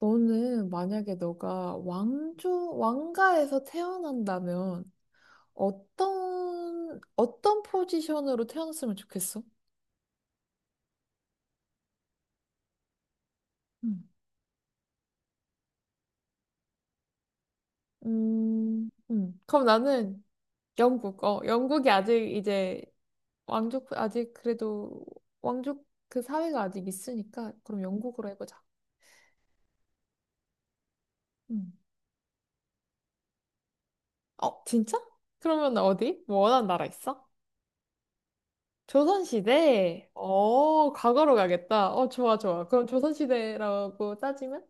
너는 만약에 너가 왕조, 왕가에서 태어난다면 어떤 포지션으로 태어났으면 좋겠어? 음. 그럼 나는 영국, 영국이 아직 이제 왕족, 아직 그래도 왕족 그 사회가 아직 있으니까 그럼 영국으로 해보자. 음. 어, 진짜? 그러면 어디? 뭐 원하는 나라 있어? 조선시대? 어, 과거로 가겠다. 어, 좋아, 좋아. 그럼 조선시대라고 따지면?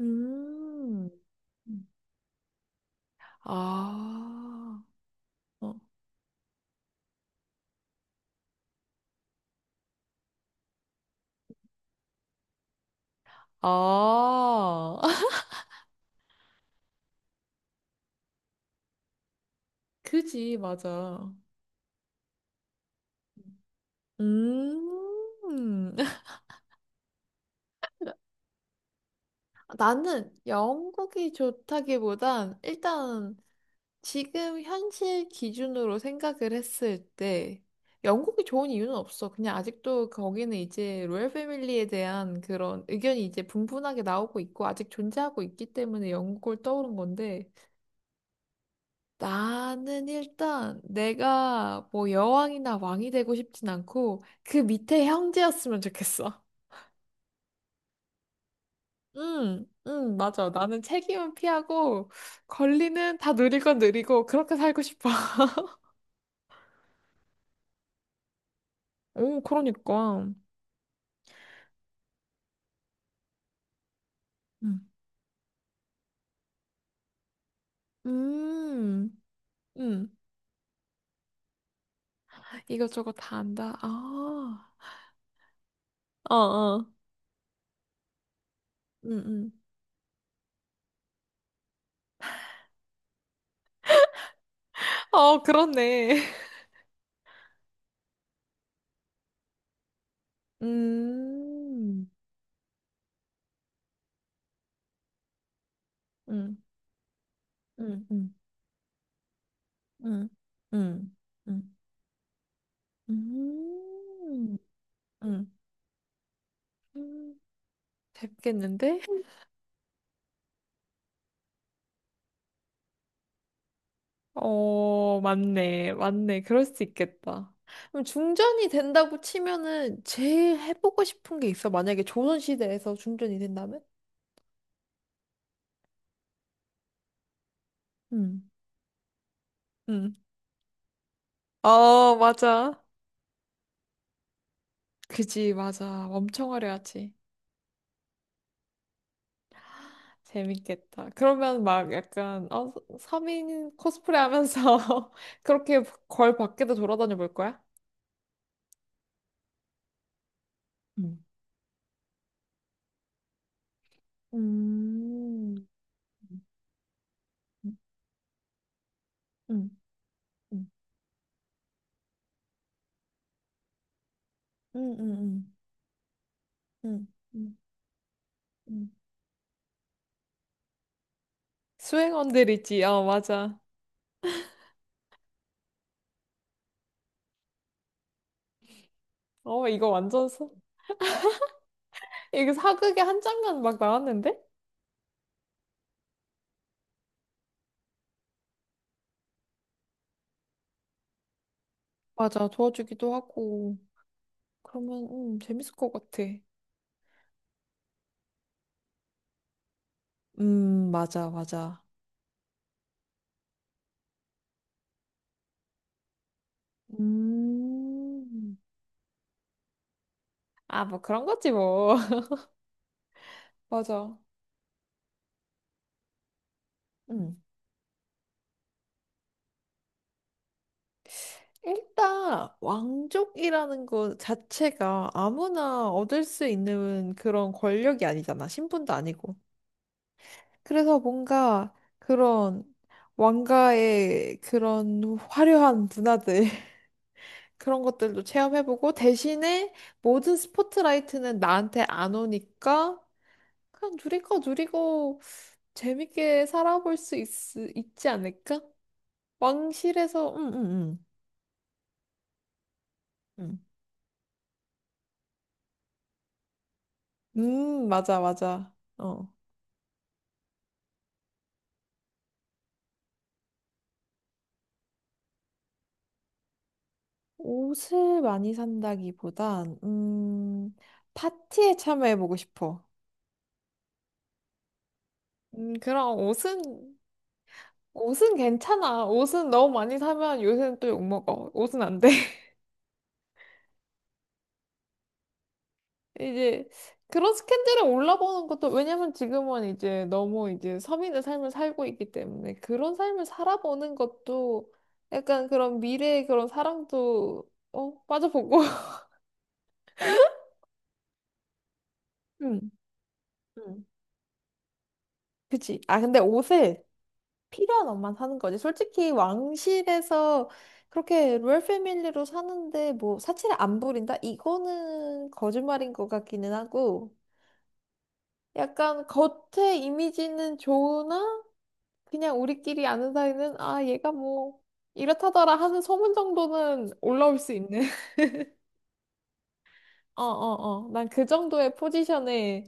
음. 음. 아. 어. 아. 그지, 맞아. 음. 나는 영국이 좋다기보단 일단 지금 현실 기준으로 생각을 했을 때 영국이 좋은 이유는 없어. 그냥 아직도 거기는 이제 로얄 패밀리에 대한 그런 의견이 이제 분분하게 나오고 있고 아직 존재하고 있기 때문에 영국을 떠오른 건데 나는 일단 내가 뭐 여왕이나 왕이 되고 싶진 않고 그 밑에 형제였으면 좋겠어. 응, 응, 맞아. 나는 책임은 피하고 권리는 다 누릴 건 누리고 그렇게 살고 싶어. 오, 그러니까. 음. 음, 음, 이것저것 다 안다. 아, 어, 어, 음, 음. 어, 그렇네. 음, 음, 음, 음, 음, 음, 음. 음. 응. 음, 됐겠는데? 어, 맞네. 맞네. 그럴 수 있겠다. 그럼 중전이 된다고 치면은 제일 해보고 싶은 게 있어. 만약에 조선시대에서 중전이 된다면? 응. 응. 어, 맞아. 그지, 맞아. 엄청 화려하지. 재밌겠다. 그러면 막 약간, 어, 서민 코스프레 하면서 그렇게 걸 밖에도 돌아다녀 볼 거야? 응. 음. 음, 음, 음, 음, 음. 응, 응, 응. 수행원들 있지. 어, 맞아. 어, 이거 완전 사... 이거 사극의 한 장면 막 나왔는데? 맞아. 도와주기도 하고. 그러면 재밌을 것 같아. 맞아, 맞아. 음. 아, 뭐 그런 거지 뭐. 맞아. 음. 일단 왕족이라는 것 자체가 아무나 얻을 수 있는 그런 권력이 아니잖아. 신분도 아니고. 그래서 뭔가 그런 왕가의 그런 화려한 문화들 그런 것들도 체험해보고 대신에 모든 스포트라이트는 나한테 안 오니까 그냥 누리고 누리고 재밌게 살아볼 수 있, 있지 않을까? 왕실에서 응응응 음, 맞아 맞아 어 옷을 많이 산다기보단 파티에 참여해보고 싶어. 그럼 옷은 옷은 괜찮아. 옷은 너무 많이 사면 요새는 또 욕먹어. 옷은 안 돼. 이제 그런 스캔들을 올라보는 것도 왜냐면 지금은 이제 너무 이제 서민의 삶을 살고 있기 때문에 그런 삶을 살아보는 것도 약간 그런 미래의 그런 사랑도 어, 빠져보고. 응, 응. 그치. 아, 근데 옷을 필요한 옷만 사는 거지. 솔직히 왕실에서 그렇게 로열 패밀리로 사는데 뭐 사치를 안 부린다? 이거는 거짓말인 것 같기는 하고. 약간 겉에 이미지는 좋으나 그냥 우리끼리 아는 사이는 아 얘가 뭐 이렇다더라 하는 소문 정도는 올라올 수 있는 어어어 난 그 정도의 포지션에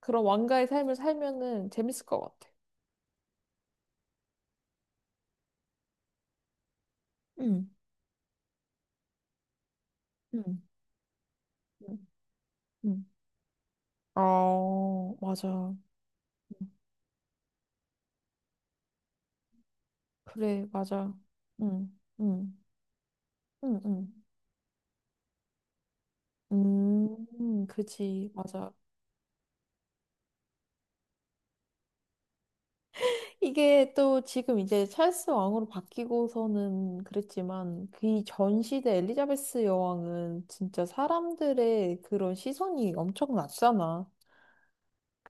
그런 왕가의 삶을 살면은 재밌을 것 같아 응 응, 응, 응. 어, 맞아. 그래, 맞아. 응, 응, 응, 응. 그지, 맞아. 이게 또 지금 이제 찰스 왕으로 바뀌고서는 그랬지만 그 이전 시대 엘리자베스 여왕은 진짜 사람들의 그런 시선이 엄청 났잖아.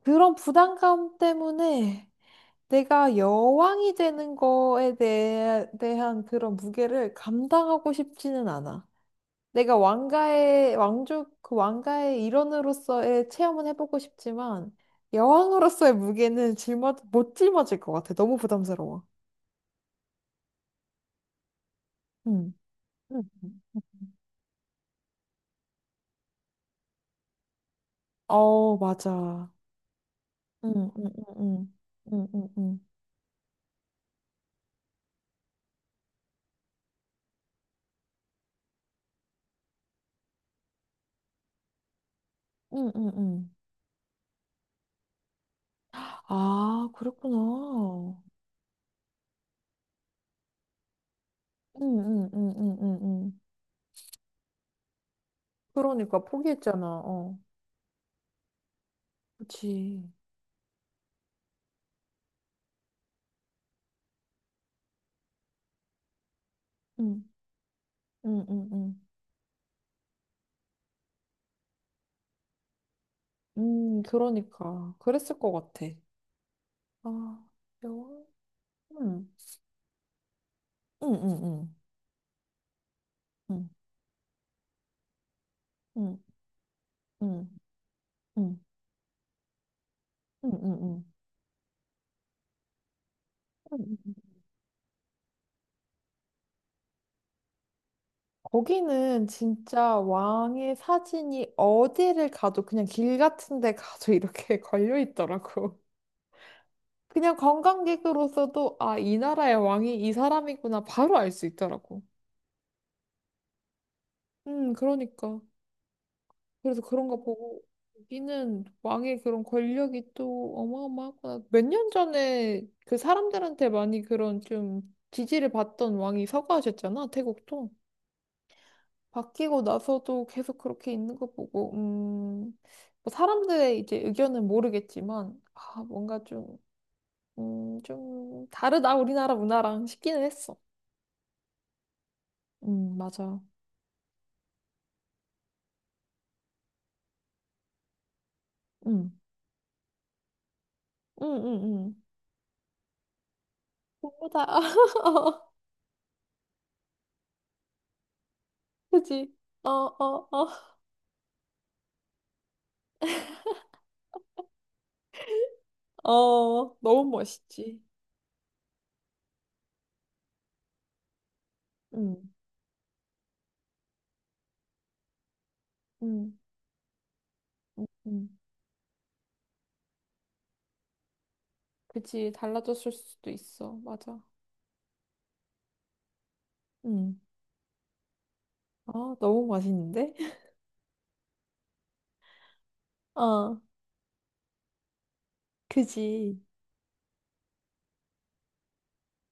그런 부담감 때문에 내가 여왕이 되는 거에 대한 그런 무게를 감당하고 싶지는 않아. 내가 왕가의 왕족 그 왕가의 일원으로서의 체험은 해보고 싶지만 여왕으로서의 무게는 짊어 못 짊어질 것 같아. 너무 부담스러워. 음. 응. 어, 맞아. 응, 응, 응, 응, 응, 응, 응, 응, 응. 아, 그랬구나. 응, 응, 응, 응, 응, 응. 그러니까 포기했잖아. 어, 그치. 응, 응, 응, 응. 그러니까 그랬을 것 같아. 아, 영화. 응, 응, 응, 응, 응, 응, 응, 응, 응, 응, 응. 거기는 진짜 왕의 사진이 어디를 가도 그냥 길 같은 데 가도 이렇게 걸려 있더라고. 그냥 관광객으로서도 아, 이 나라의 왕이 이 사람이구나 바로 알 수 있더라고. 그러니까. 그래서 그런 거 보고 여기는 왕의 그런 권력이 또 어마어마하구나. 몇 년 전에 그 사람들한테 많이 그런 좀 지지를 받던 왕이 서거하셨잖아, 태국도. 바뀌고 나서도 계속 그렇게 있는 거 보고, 뭐 사람들의 이제 의견은 모르겠지만, 아, 뭔가 좀, 좀 다르다, 우리나라 문화랑 싶기는 했어. 맞아. 음, 음, 음, 음. 공부다. 그지? 어, 어, 어. 어, 너무 멋있지. 음, 음, 음. 그지? 달라졌을 수도 있어. 맞아. 음. 아, 너무 맛있는데? 어, 그지.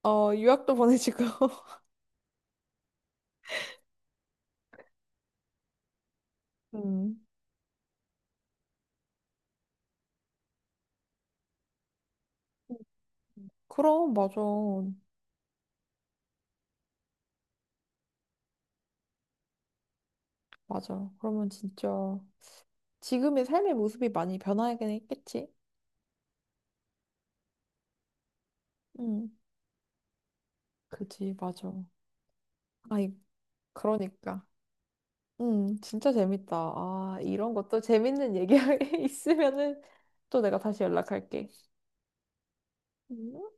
어, 유학도 보내주고. 음. 그럼, 맞아. 맞아. 그러면 진짜 지금의 삶의 모습이 많이 변하긴 했겠지? 응, 그지, 맞아. 아이, 그러니까. 응, 진짜 재밌다. 아, 이런 것도 재밌는 얘기 있으면은 또 내가 다시 연락할게. 음.